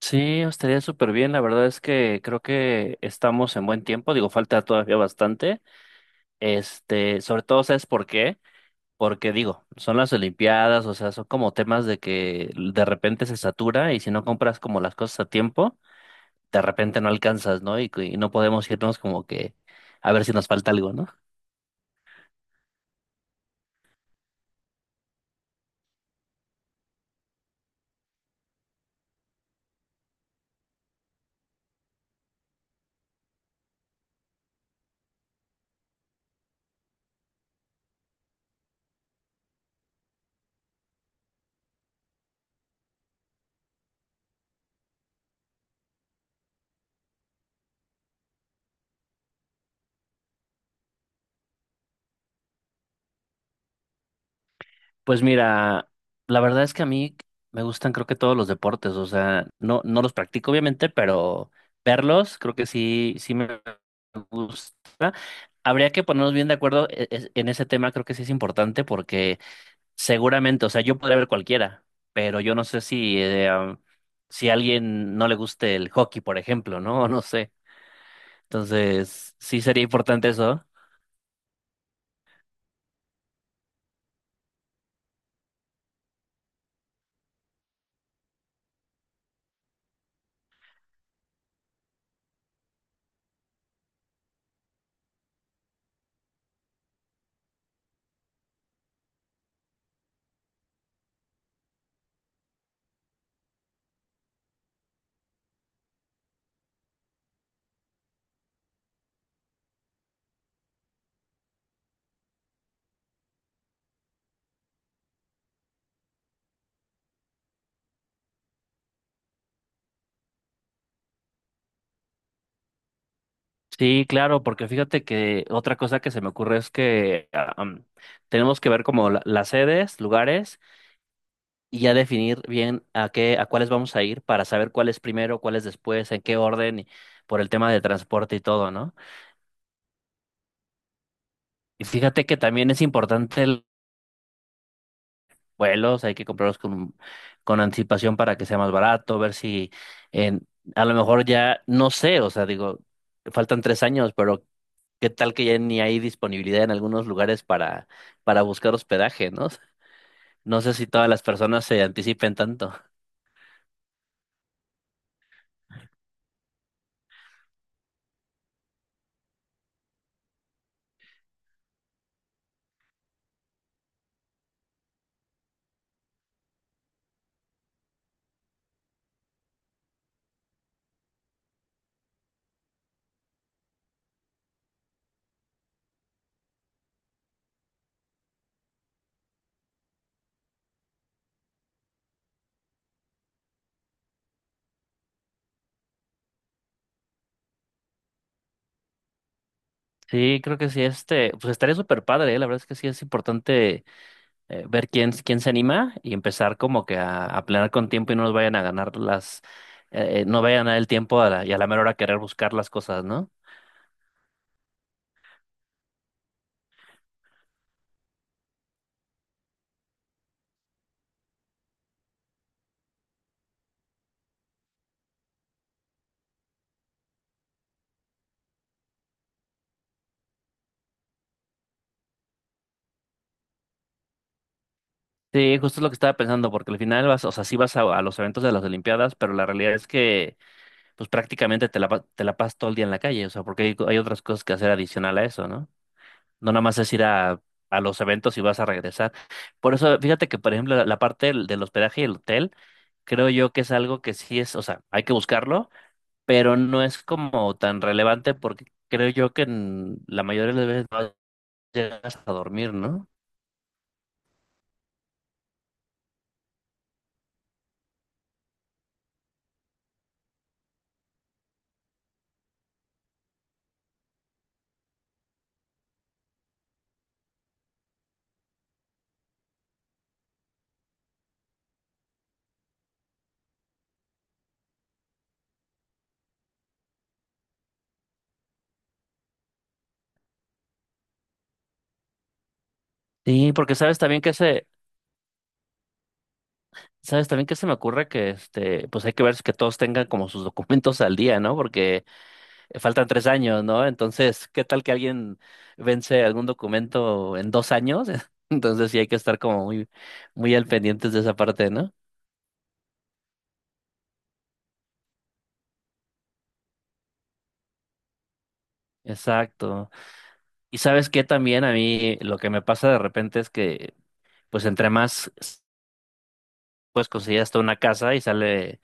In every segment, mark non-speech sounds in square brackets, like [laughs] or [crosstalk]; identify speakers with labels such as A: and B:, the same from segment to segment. A: Sí, estaría súper bien. La verdad es que creo que estamos en buen tiempo. Digo, falta todavía bastante. Este, sobre todo, ¿sabes por qué? Porque digo, son las Olimpiadas, o sea, son como temas de que de repente se satura y si no compras como las cosas a tiempo, de repente no alcanzas, ¿no? Y no podemos irnos como que a ver si nos falta algo, ¿no? Pues mira, la verdad es que a mí me gustan creo que todos los deportes, o sea, no los practico obviamente, pero verlos creo que sí, sí me gusta. Habría que ponernos bien de acuerdo en ese tema, creo que sí es importante porque seguramente, o sea, yo podría ver cualquiera, pero yo no sé si, si a alguien no le guste el hockey, por ejemplo, ¿no? [laughs] No sé. Entonces, sí sería importante eso. Sí, claro, porque fíjate que otra cosa que se me ocurre es que tenemos que ver como las sedes, lugares y ya definir bien a qué, a cuáles vamos a ir para saber cuál es primero, cuál es después, en qué orden, y por el tema de transporte y todo, ¿no? Y fíjate que también es importante el vuelos, hay que comprarlos con anticipación para que sea más barato, ver si en, a lo mejor ya, no sé, o sea, digo, faltan 3 años, pero qué tal que ya ni hay disponibilidad en algunos lugares para buscar hospedaje, ¿no? [laughs] No sé si todas las personas se anticipen tanto. Sí, creo que sí, este, pues estaría súper padre, ¿eh? La verdad es que sí es importante ver quién, quién se anima y empezar como que a planear con tiempo y no nos vayan a ganar las, no vayan a dar el tiempo a la mera hora querer buscar las cosas, ¿no? Sí, justo es lo que estaba pensando, porque al final vas, o sea, sí vas a los eventos de las Olimpiadas, pero la realidad es que pues prácticamente te la, te la pasas todo el día en la calle, o sea, porque hay otras cosas que hacer adicional a eso, ¿no? No nada más es ir a los eventos y vas a regresar. Por eso, fíjate que, por ejemplo, la parte del, del hospedaje y el hotel, creo yo que es algo que sí es, o sea, hay que buscarlo, pero no es como tan relevante porque creo yo que en la mayoría de las veces no llegas a dormir, ¿no? Sí, porque sabes también que se, sabes también que se me ocurre que este, pues hay que ver que todos tengan como sus documentos al día, ¿no? Porque faltan 3 años, ¿no? Entonces, ¿qué tal que alguien vence algún documento en 2 años? [laughs] Entonces sí hay que estar como muy, muy al pendientes de esa parte, ¿no? Exacto. Y sabes que también a mí lo que me pasa de repente es que, pues entre más, pues consigues hasta una casa y sale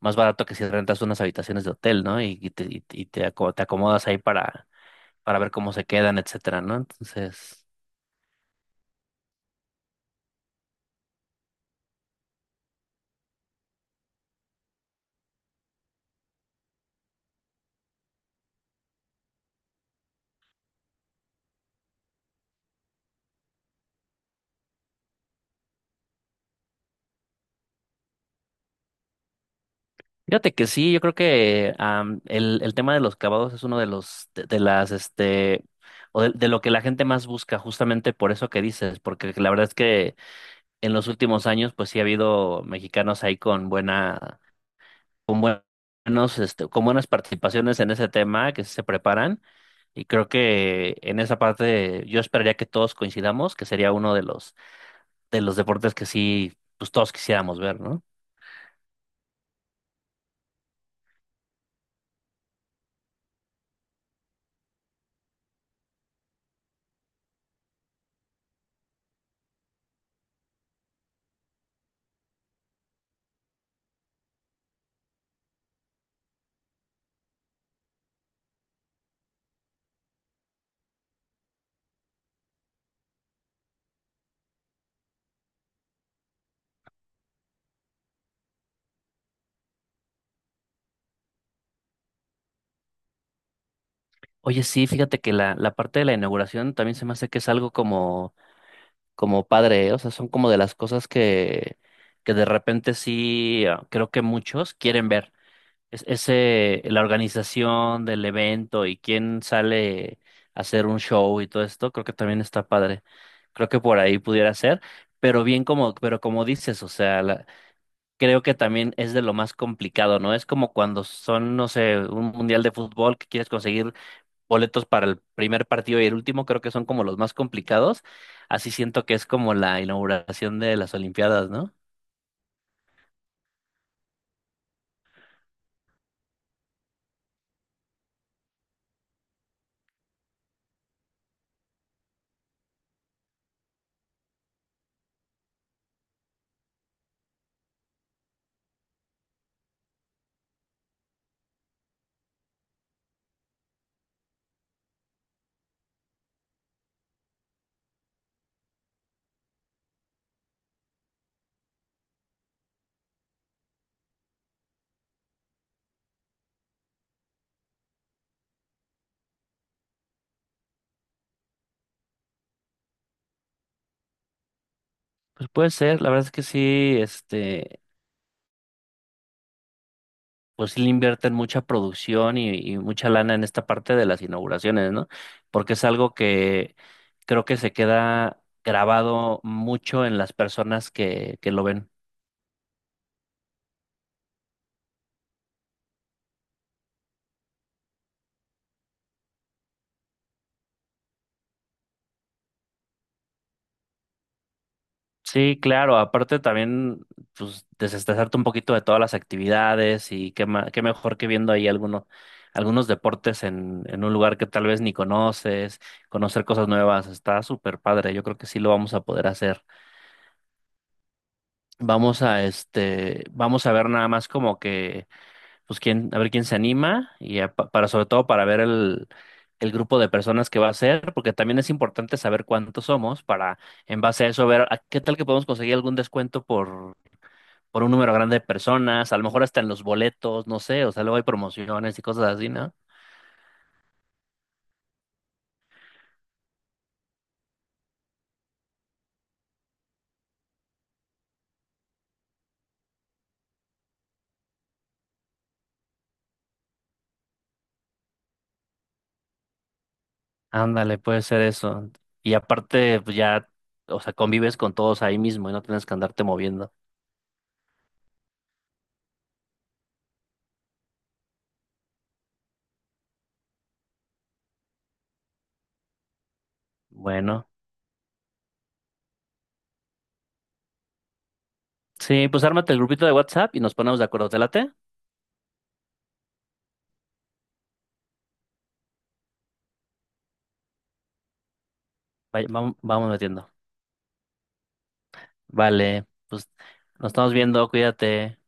A: más barato que si rentas unas habitaciones de hotel, ¿no? Te acomodas ahí para ver cómo se quedan, etcétera, ¿no? Entonces... Fíjate que sí, yo creo que am, el tema de los clavados es uno de los, de las, este, o de lo que la gente más busca, justamente por eso que dices, porque la verdad es que en los últimos años, pues sí ha habido mexicanos ahí con buena, con buenos, este, con buenas participaciones en ese tema, que sí se preparan, y creo que en esa parte yo esperaría que todos coincidamos, que sería uno de los deportes que sí, pues todos quisiéramos ver, ¿no? Oye, sí, fíjate que la parte de la inauguración también se me hace que es algo como, como padre, ¿eh? O sea, son como de las cosas que de repente sí ah, creo que muchos quieren ver. Es, ese, la organización del evento y quién sale a hacer un show y todo esto, creo que también está padre. Creo que por ahí pudiera ser, pero bien como, pero como dices, o sea, creo que también es de lo más complicado, ¿no? Es como cuando son, no sé, un mundial de fútbol que quieres conseguir boletos para el primer partido y el último creo que son como los más complicados. Así siento que es como la inauguración de las Olimpiadas, ¿no? Pues puede ser, la verdad es que sí, este, pues sí le invierten mucha producción y mucha lana en esta parte de las inauguraciones, ¿no? Porque es algo que creo que se queda grabado mucho en las personas que lo ven. Sí, claro, aparte también, pues, desestresarte un poquito de todas las actividades y qué, qué mejor que viendo ahí alguno, algunos deportes en un lugar que tal vez ni conoces, conocer cosas nuevas, está súper padre, yo creo que sí lo vamos a poder hacer. Vamos a, este, vamos a ver nada más como que, pues, quién, a ver quién se anima y para, sobre todo para ver el grupo de personas que va a ser, porque también es importante saber cuántos somos para, en base a eso, ver a qué tal que podemos conseguir algún descuento por un número grande de personas, a lo mejor hasta en los boletos, no sé, o sea, luego hay promociones y cosas así, ¿no? Ándale, puede ser eso. Y aparte, pues ya, o sea, convives con todos ahí mismo y no tienes que andarte moviendo. Bueno, sí, pues ármate el grupito de WhatsApp y nos ponemos de acuerdo. ¿Te late? Vamos metiendo. Vale, pues nos estamos viendo, cuídate.